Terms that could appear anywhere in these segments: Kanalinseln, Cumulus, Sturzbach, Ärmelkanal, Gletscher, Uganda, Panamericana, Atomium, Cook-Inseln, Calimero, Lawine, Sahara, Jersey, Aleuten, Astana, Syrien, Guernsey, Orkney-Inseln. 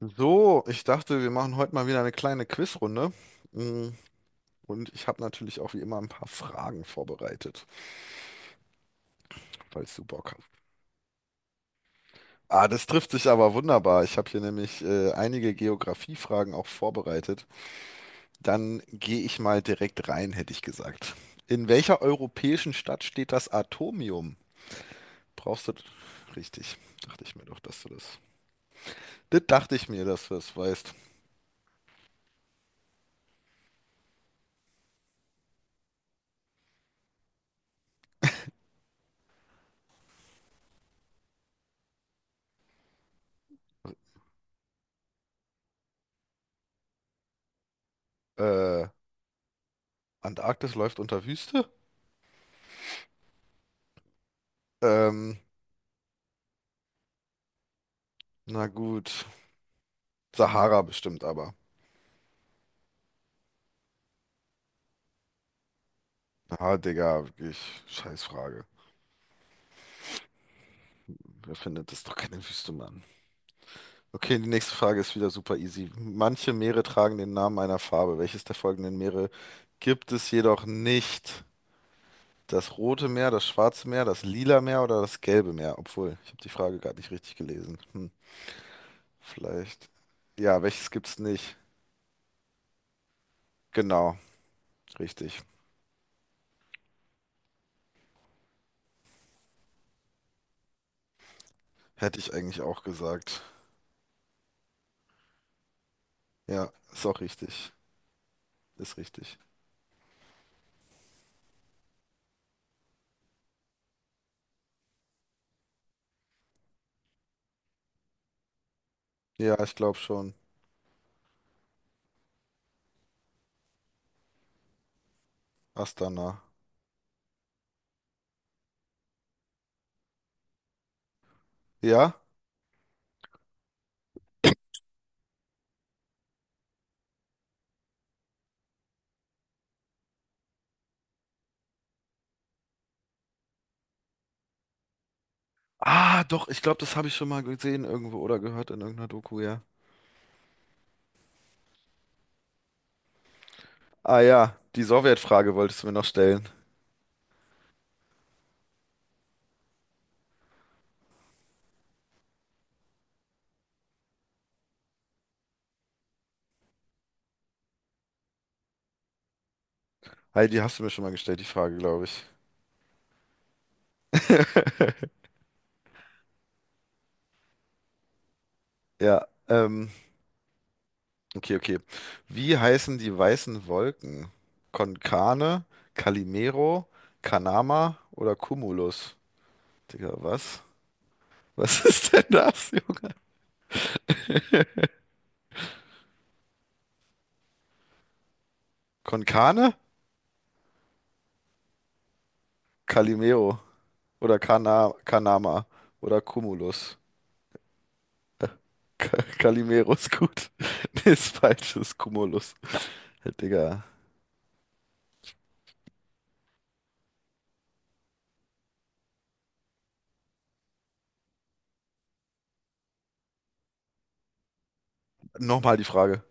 So, ich dachte, wir machen heute mal wieder eine kleine Quizrunde. Mm. Und ich habe natürlich auch wie immer ein paar Fragen vorbereitet, falls du Bock hast. Ah, das trifft sich aber wunderbar. Ich habe hier nämlich einige Geografiefragen auch vorbereitet. Dann gehe ich mal direkt rein, hätte ich gesagt. In welcher europäischen Stadt steht das Atomium? Brauchst du... Richtig, dachte ich mir doch, dass du das... Das dachte ich mir, dass du das weißt. Äh, Antarktis läuft unter Wüste? Ähm, na gut. Sahara bestimmt aber. Ah, Digga, wirklich, scheiß Frage. Wer findet das doch keine Wüste, Mann? Okay, die nächste Frage ist wieder super easy. Manche Meere tragen den Namen einer Farbe. Welches der folgenden Meere gibt es jedoch nicht? Das Rote Meer, das Schwarze Meer, das Lila Meer oder das Gelbe Meer? Obwohl, ich habe die Frage gerade nicht richtig gelesen. Hm, vielleicht. Ja, welches gibt's nicht? Genau, richtig. Hätte ich eigentlich auch gesagt. Ja, ist auch richtig. Ist richtig. Ja, ich glaube schon. Astana. Ja? Ah, doch, ich glaube, das habe ich schon mal gesehen irgendwo oder gehört in irgendeiner Doku, ja. Ah ja, die Sowjetfrage wolltest du mir noch stellen. Heidi, die hast du mir schon mal gestellt, die Frage, glaube ich. Ja, okay, okay. Wie heißen die weißen Wolken? Konkane, Calimero, Kanama oder Cumulus? Digga, was? Was ist denn das, Junge? Konkane, Calimero oder Kanama oder Cumulus? Calimero ist gut. Nee, ist falsch, ist Cumulus. Hey, Digga. Nochmal die Frage.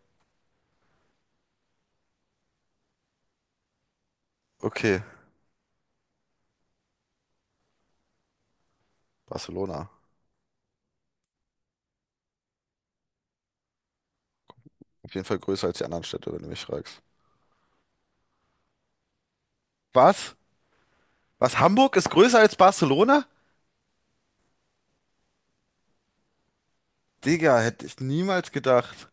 Okay, Barcelona. Auf jeden Fall größer als die anderen Städte, wenn du mich fragst. Was? Was, Hamburg ist größer als Barcelona? Digga, hätte ich niemals gedacht.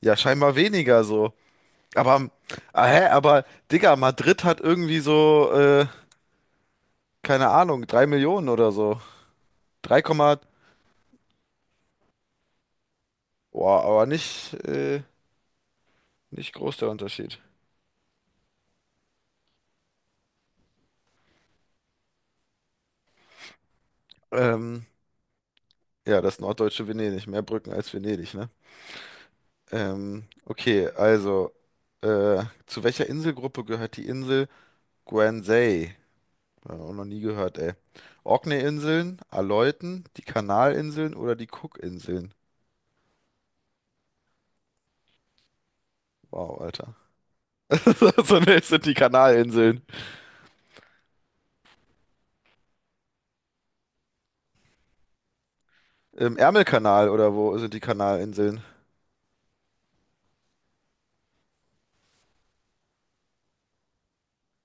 Ja, scheinbar weniger so. Aber, ah, hä, aber, Digga, Madrid hat irgendwie so, keine Ahnung, 3 Millionen oder so. 3, aber nicht, nicht groß der Unterschied. Ähm, ja, das norddeutsche Venedig. Mehr Brücken als Venedig, ne? Okay, also, zu welcher Inselgruppe gehört die Insel Guernsey? Auch noch nie gehört, ey. Orkney-Inseln, Aleuten, die Kanalinseln oder die Cook-Inseln? Wow, Alter. So, ne, es sind die Kanalinseln. Im Ärmelkanal oder wo sind die Kanalinseln?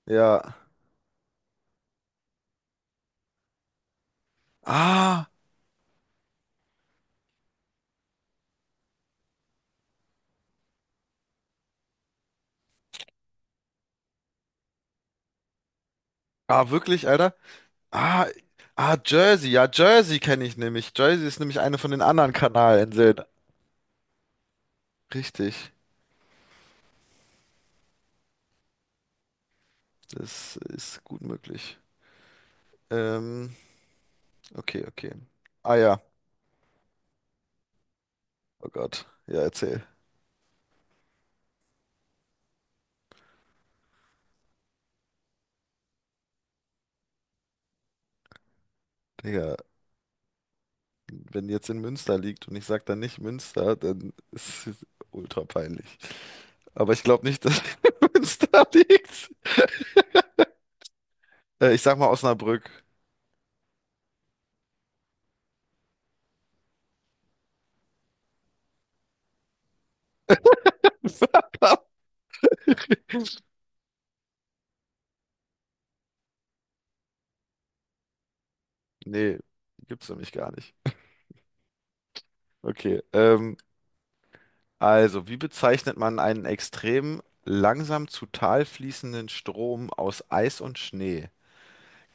Ja. Ah, ah, wirklich, Alter? Ah, Jersey. Ja, Jersey kenne ich nämlich. Jersey ist nämlich eine von den anderen Kanalinseln. Richtig. Das ist gut möglich. Ähm. Okay, okay. Ah ja. Oh Gott. Ja, erzähl. Digga, wenn jetzt in Münster liegt und ich sag dann nicht Münster, dann ist es ultra peinlich. Aber ich glaube nicht, dass Münster liegt. Ich sag mal Osnabrück. Nee, gibt's nämlich gar nicht. Okay, also, wie bezeichnet man einen extrem langsam zu Tal fließenden Strom aus Eis und Schnee?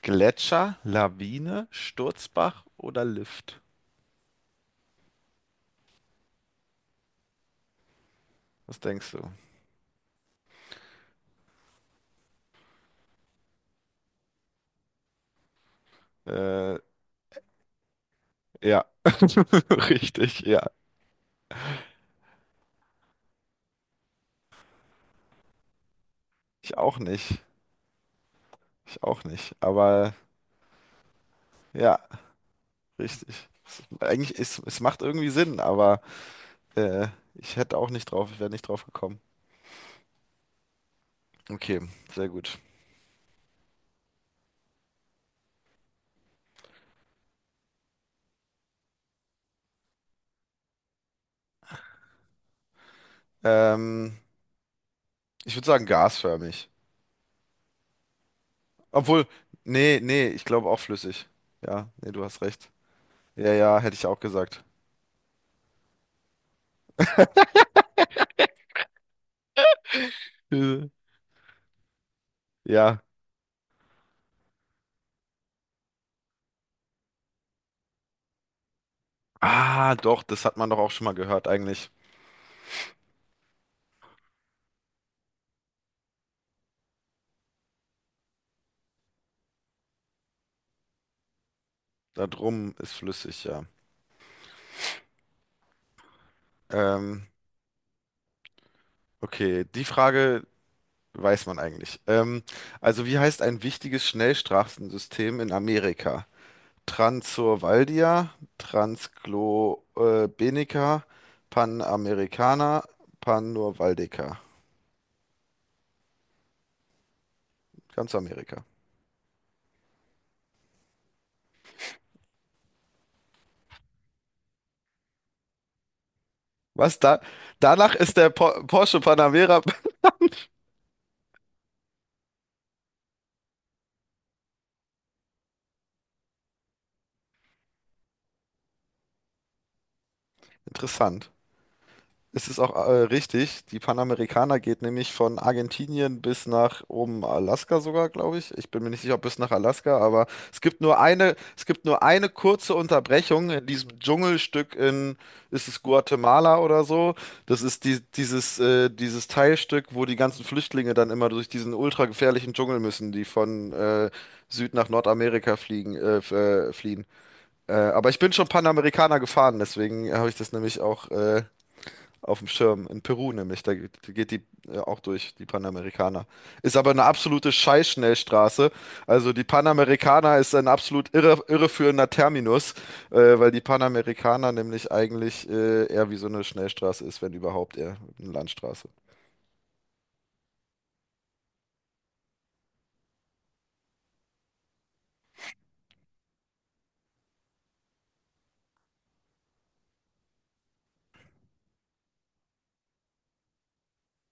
Gletscher, Lawine, Sturzbach oder Lift? Was denkst du? Äh. Ja, richtig, ja. Ich auch nicht. Ich auch nicht. Aber ja, richtig. Eigentlich, es macht irgendwie Sinn, aber äh, ich hätte auch nicht ich wäre nicht drauf gekommen. Okay, sehr gut. Ähm, ich würde sagen gasförmig. Obwohl, nee, nee, ich glaube auch flüssig. Ja, nee, du hast recht. Ja, ja, hätte ich auch gesagt. Ja. Ah, doch, das hat man doch auch schon mal gehört eigentlich. Da drum ist flüssig, ja. Ähm, okay, die Frage Weiß man eigentlich. Also wie heißt ein wichtiges Schnellstraßensystem in Amerika? Transurvaldia, Transglobenica, Panamericana, Panurvaldeca. Ganz Amerika. Was da? Danach ist der Porsche Panamera. Interessant. Es ist auch richtig, die Panamericana geht nämlich von Argentinien bis nach oben Alaska sogar, glaube ich. Ich bin mir nicht sicher, ob bis nach Alaska, aber es gibt nur eine kurze Unterbrechung in diesem Dschungelstück ist es Guatemala oder so? Das ist dieses, dieses Teilstück, wo die ganzen Flüchtlinge dann immer durch diesen ultra gefährlichen Dschungel müssen, die von Süd nach Nordamerika fliehen. Aber ich bin schon Panamericana gefahren, deswegen habe ich das nämlich auch auf dem Schirm. In Peru nämlich, da geht die auch durch, die Panamericana. Ist aber eine absolute Scheißschnellstraße. Also die Panamericana ist ein absolut irreführender Terminus, weil die Panamericana nämlich eigentlich eher wie so eine Schnellstraße ist, wenn überhaupt eher eine Landstraße.